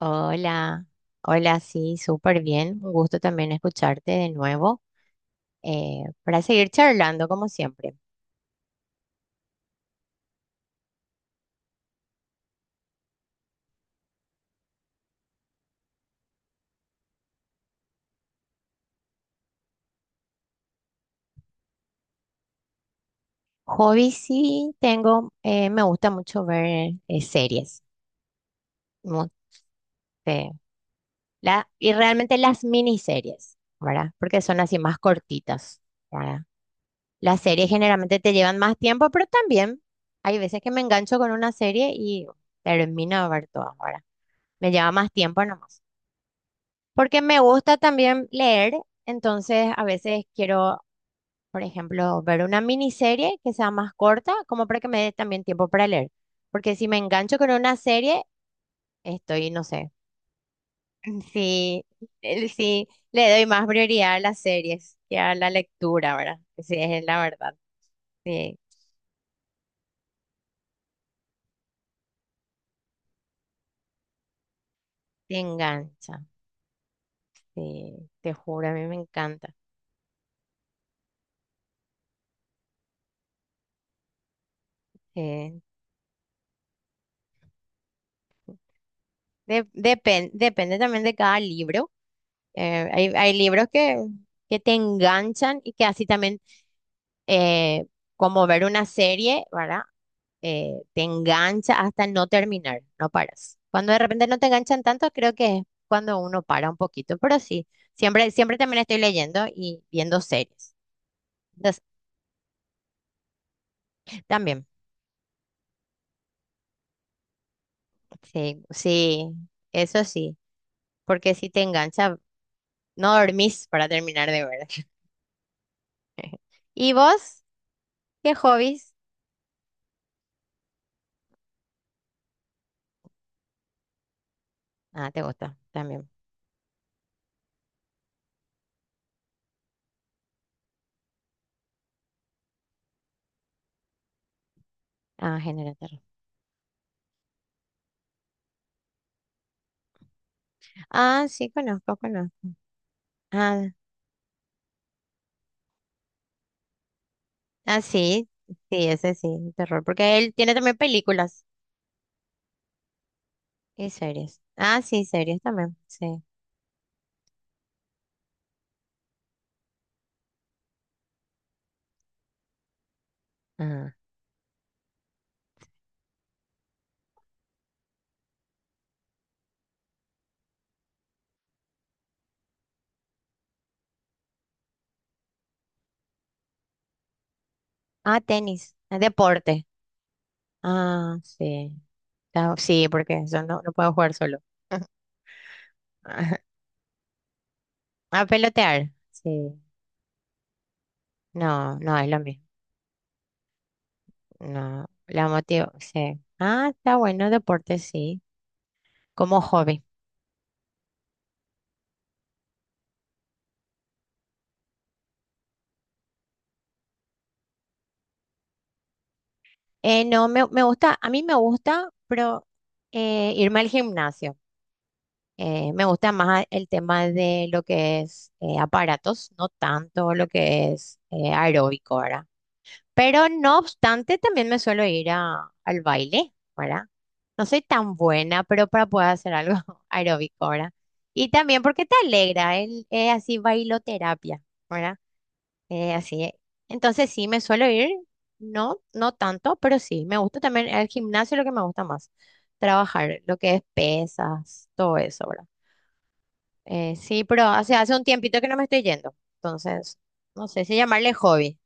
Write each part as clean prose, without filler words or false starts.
Hola, hola, sí, súper bien. Un gusto también escucharte de nuevo para seguir charlando como siempre. Hobby sí tengo, me gusta mucho ver series mu- eh, y realmente las miniseries, ¿verdad? Porque son así más cortitas, ¿verdad? Las series generalmente te llevan más tiempo, pero también hay veces que me engancho con una serie y termino de ver todas, ¿verdad? Me lleva más tiempo nomás. Porque me gusta también leer, entonces a veces quiero, por ejemplo, ver una miniserie que sea más corta, como para que me dé también tiempo para leer. Porque si me engancho con una serie, estoy, no sé, sí, si le doy más prioridad a las series que a la lectura, ¿verdad? Sí, es la verdad, sí, te engancha, sí, te juro, a mí me encanta. Sí. Depende también de cada libro. Hay libros que te enganchan y que así también, eh, como ver una serie, ¿verdad? Te engancha hasta no terminar, no paras. Cuando de repente no te enganchan tanto, creo que es cuando uno para un poquito, pero sí, siempre, siempre también estoy leyendo y viendo series. Entonces, también, sí, sí, eso sí, porque si te engancha, no dormís para terminar de ver. ¿Y vos? ¿Qué hobbies? Ah, te gusta también. Ah, género de terror. Ah, sí, conozco, conozco. Ah, ah, sí, sí, ese sí, terror. Porque él tiene también películas y series. Ah, sí, series también, sí. Ah, ah, tenis, ah, deporte. Ah, sí. Ah, sí, porque eso no, no puedo jugar solo. A pelotear. Sí. No, no es lo mismo. No, la motivo, sí. Ah, está bueno, deporte, sí. Como hobby. No, me, me gusta, a mí me gusta, pero irme al gimnasio. Me gusta más el tema de lo que es aparatos, no tanto lo que es aeróbico, ¿verdad? Pero no obstante, también me suelo ir al baile, ¿verdad? No soy tan buena, pero para poder hacer algo aeróbico, ¿verdad? Y también porque te alegra, el, es así bailoterapia, ¿verdad? Así, es. Entonces sí, me suelo ir, no, no tanto, pero sí, me gusta también el gimnasio, es lo que me gusta más, trabajar, lo que es pesas, todo eso, ¿verdad? Sí, pero hace, hace un tiempito que no me estoy yendo, entonces, no sé si llamarle hobby.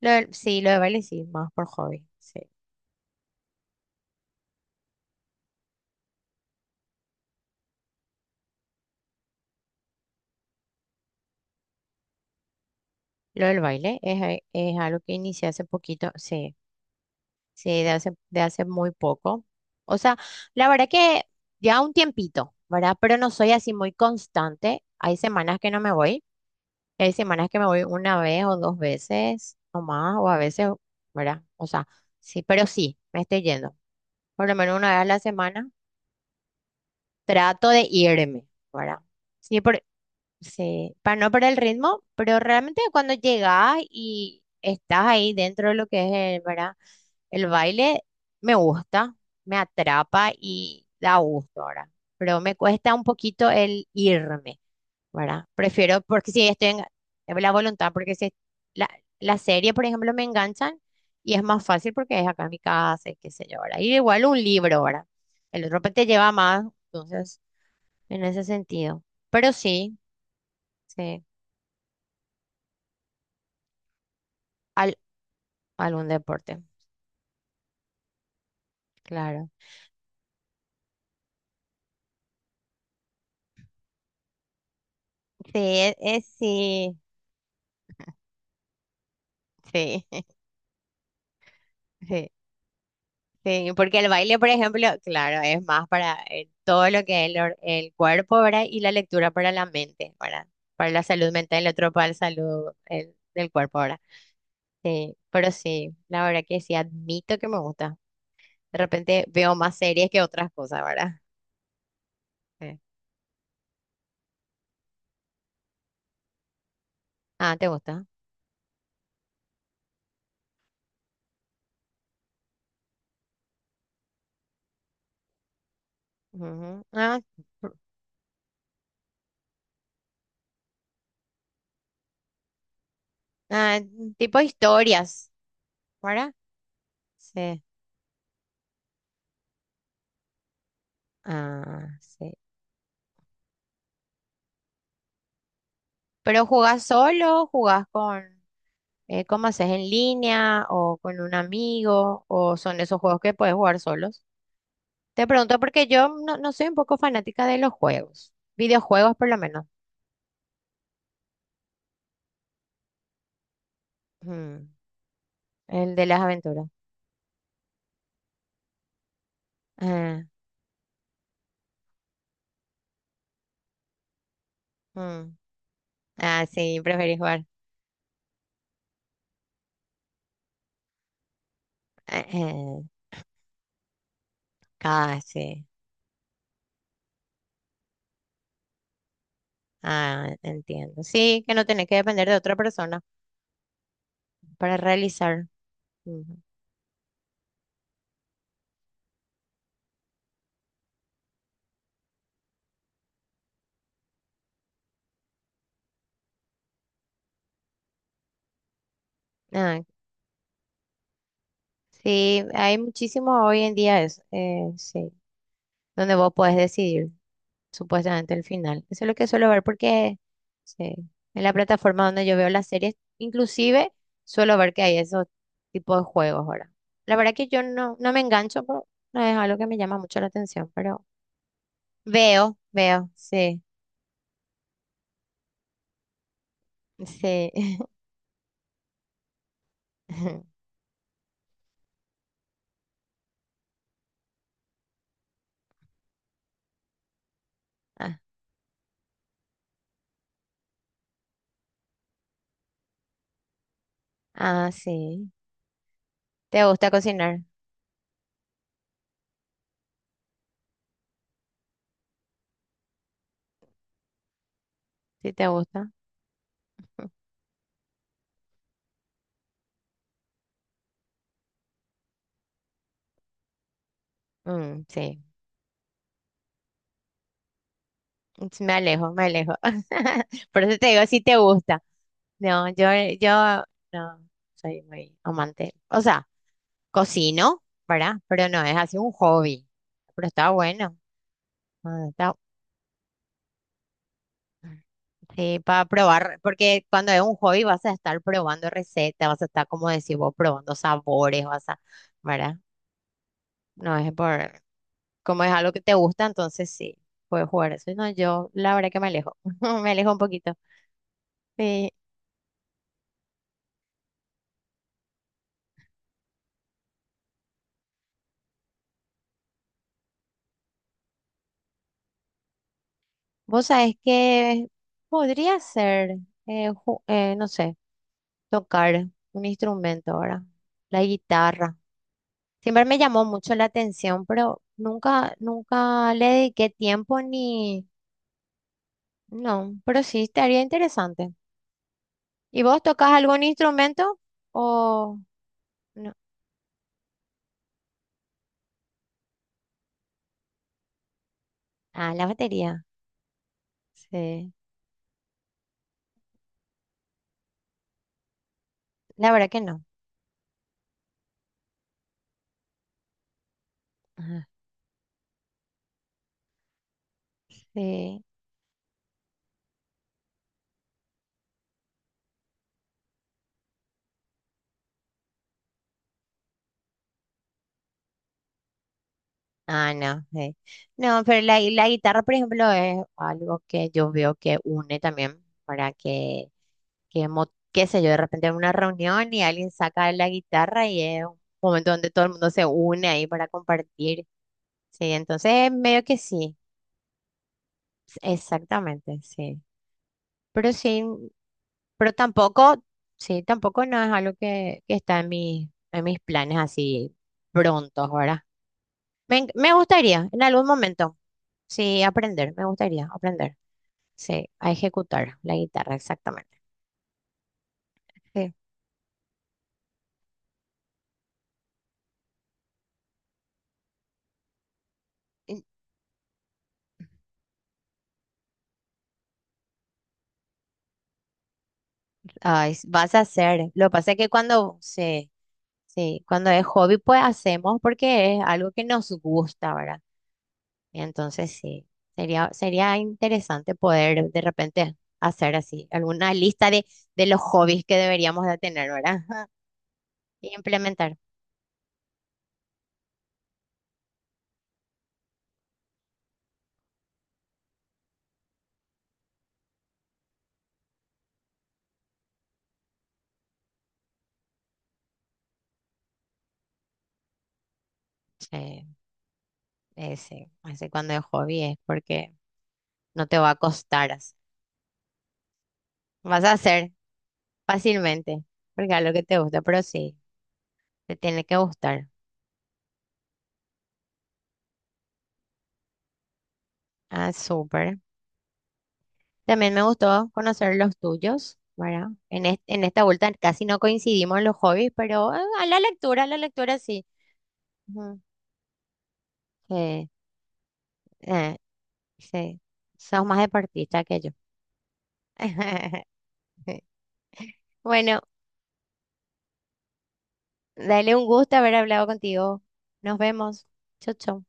Sí, lo del baile sí, más por hobby, sí. Lo del baile es, es algo que inicié hace poquito, sí. Sí, de hace muy poco. O sea, la verdad que ya un tiempito, ¿verdad? Pero no soy así muy constante. Hay semanas que no me voy. Hay semanas que me voy una vez o dos veces o más, o a veces, ¿verdad? O sea, sí, pero sí, me estoy yendo. Por lo menos una vez a la semana trato de irme, ¿verdad? Sí, por. Sí, para no perder el ritmo, pero realmente cuando llegas y estás ahí dentro de lo que es el, ¿verdad? El baile me gusta, me atrapa y da gusto ahora, pero me cuesta un poquito el irme, ¿verdad? Prefiero, porque si estoy en la voluntad, porque si la, la serie, por ejemplo, me enganchan y es más fácil porque es acá en mi casa y qué sé yo, ¿verdad? Y igual un libro, ¿verdad? El otro te lleva más, entonces, en ese sentido. Pero sí, sí. Al- Algún deporte, claro. Sí, es, sí, sí, sí, sí, porque el baile, por ejemplo, claro, es más para todo lo que es el, el cuerpo, ¿verdad? Y la lectura para la mente, ¿verdad? Para la salud mental, el otro para la salud del cuerpo, ¿verdad? Sí, pero sí, la verdad que sí, admito que me gusta. De repente veo más series que otras cosas, ¿verdad? Sí. Ah, ¿te gusta? Ujú. Ah, pr- ah, tipo historias, ¿verdad? Sí. Ah, sí. ¿Pero jugás solo? ¿Jugás con, cómo haces en línea o con un amigo? ¿O son esos juegos que puedes jugar solos? Te pregunto porque yo no, no soy un poco fanática de los juegos, videojuegos por lo menos. Mm, el de las aventuras. Ah, mm. Ah, sí, preferís jugar. Eh, eh, casi. Ah, entiendo. Sí, que no tenés que depender de otra persona para realizar. Ujú. Ah, sí, hay muchísimo hoy en día eso. Sí, donde vos podés decidir. Supuestamente el final. Eso es lo que suelo ver porque sí, en la plataforma donde yo veo las series, inclusive suelo ver que hay esos tipos de juegos ahora. La verdad que yo no, no me engancho, pero no es algo que me llama mucho la atención, pero veo, veo, sí, sí. Ah, ah, sí. ¿Te gusta cocinar? Sí, te gusta. Mm, sí, me alejo, me alejo. Por eso te digo si te gusta. No, yo no soy muy amante. O sea, cocino, ¿verdad? Pero no es así un hobby. Pero está bueno. Ah, está, sí, para probar, porque cuando es un hobby vas a estar probando recetas, vas a estar, como decís vos, probando sabores, vas a, ¿verdad? No es por, como es algo que te gusta, entonces sí, puedes jugar eso. Y no, yo la verdad que me alejo, me alejo un poquito. Eh, vos sabés que podría ser, no sé, tocar un instrumento ahora, la guitarra. Siempre me llamó mucho la atención, pero nunca, nunca le dediqué tiempo ni... No, pero sí estaría interesante. ¿Y vos tocas algún instrumento o no? Ah, la batería. Sí. La verdad que no. Ajá, sí. Ah, no. Sí. No, pero la, la guitarra, por ejemplo, es algo que yo veo que une también para que, qué sé yo, de repente en una reunión y alguien saca la guitarra y es un momento donde todo el mundo se une ahí para compartir. Sí, entonces medio que sí, exactamente, sí. Pero sí, pero tampoco, sí, tampoco no es algo que está en mi, en mis planes así prontos, ¿verdad? Me, me gustaría en algún momento, sí, aprender, me gustaría aprender, sí, a ejecutar la guitarra, exactamente. Sí. Y- ay, vas a hacer, lo que pasa es que cuando, sí, sí, cuando es hobby, pues hacemos porque es algo que nos gusta, ¿verdad? Entonces sí, sería, sería interesante poder de repente hacer así alguna lista de los hobbies que deberíamos de tener, ¿verdad? Y implementar. Sí, ese cuando es hobby es porque no te va a costar así. Vas a hacer fácilmente, porque es lo que te gusta, pero sí, te tiene que gustar. Ah, súper. También me gustó conocer los tuyos, ¿verdad? En, en esta vuelta casi no coincidimos en los hobbies, pero ah, a la lectura sí. Ujú. Sí, eh, sí, sos más deportista que yo. Bueno, dale un gusto haber hablado contigo. Nos vemos. Chau, chau.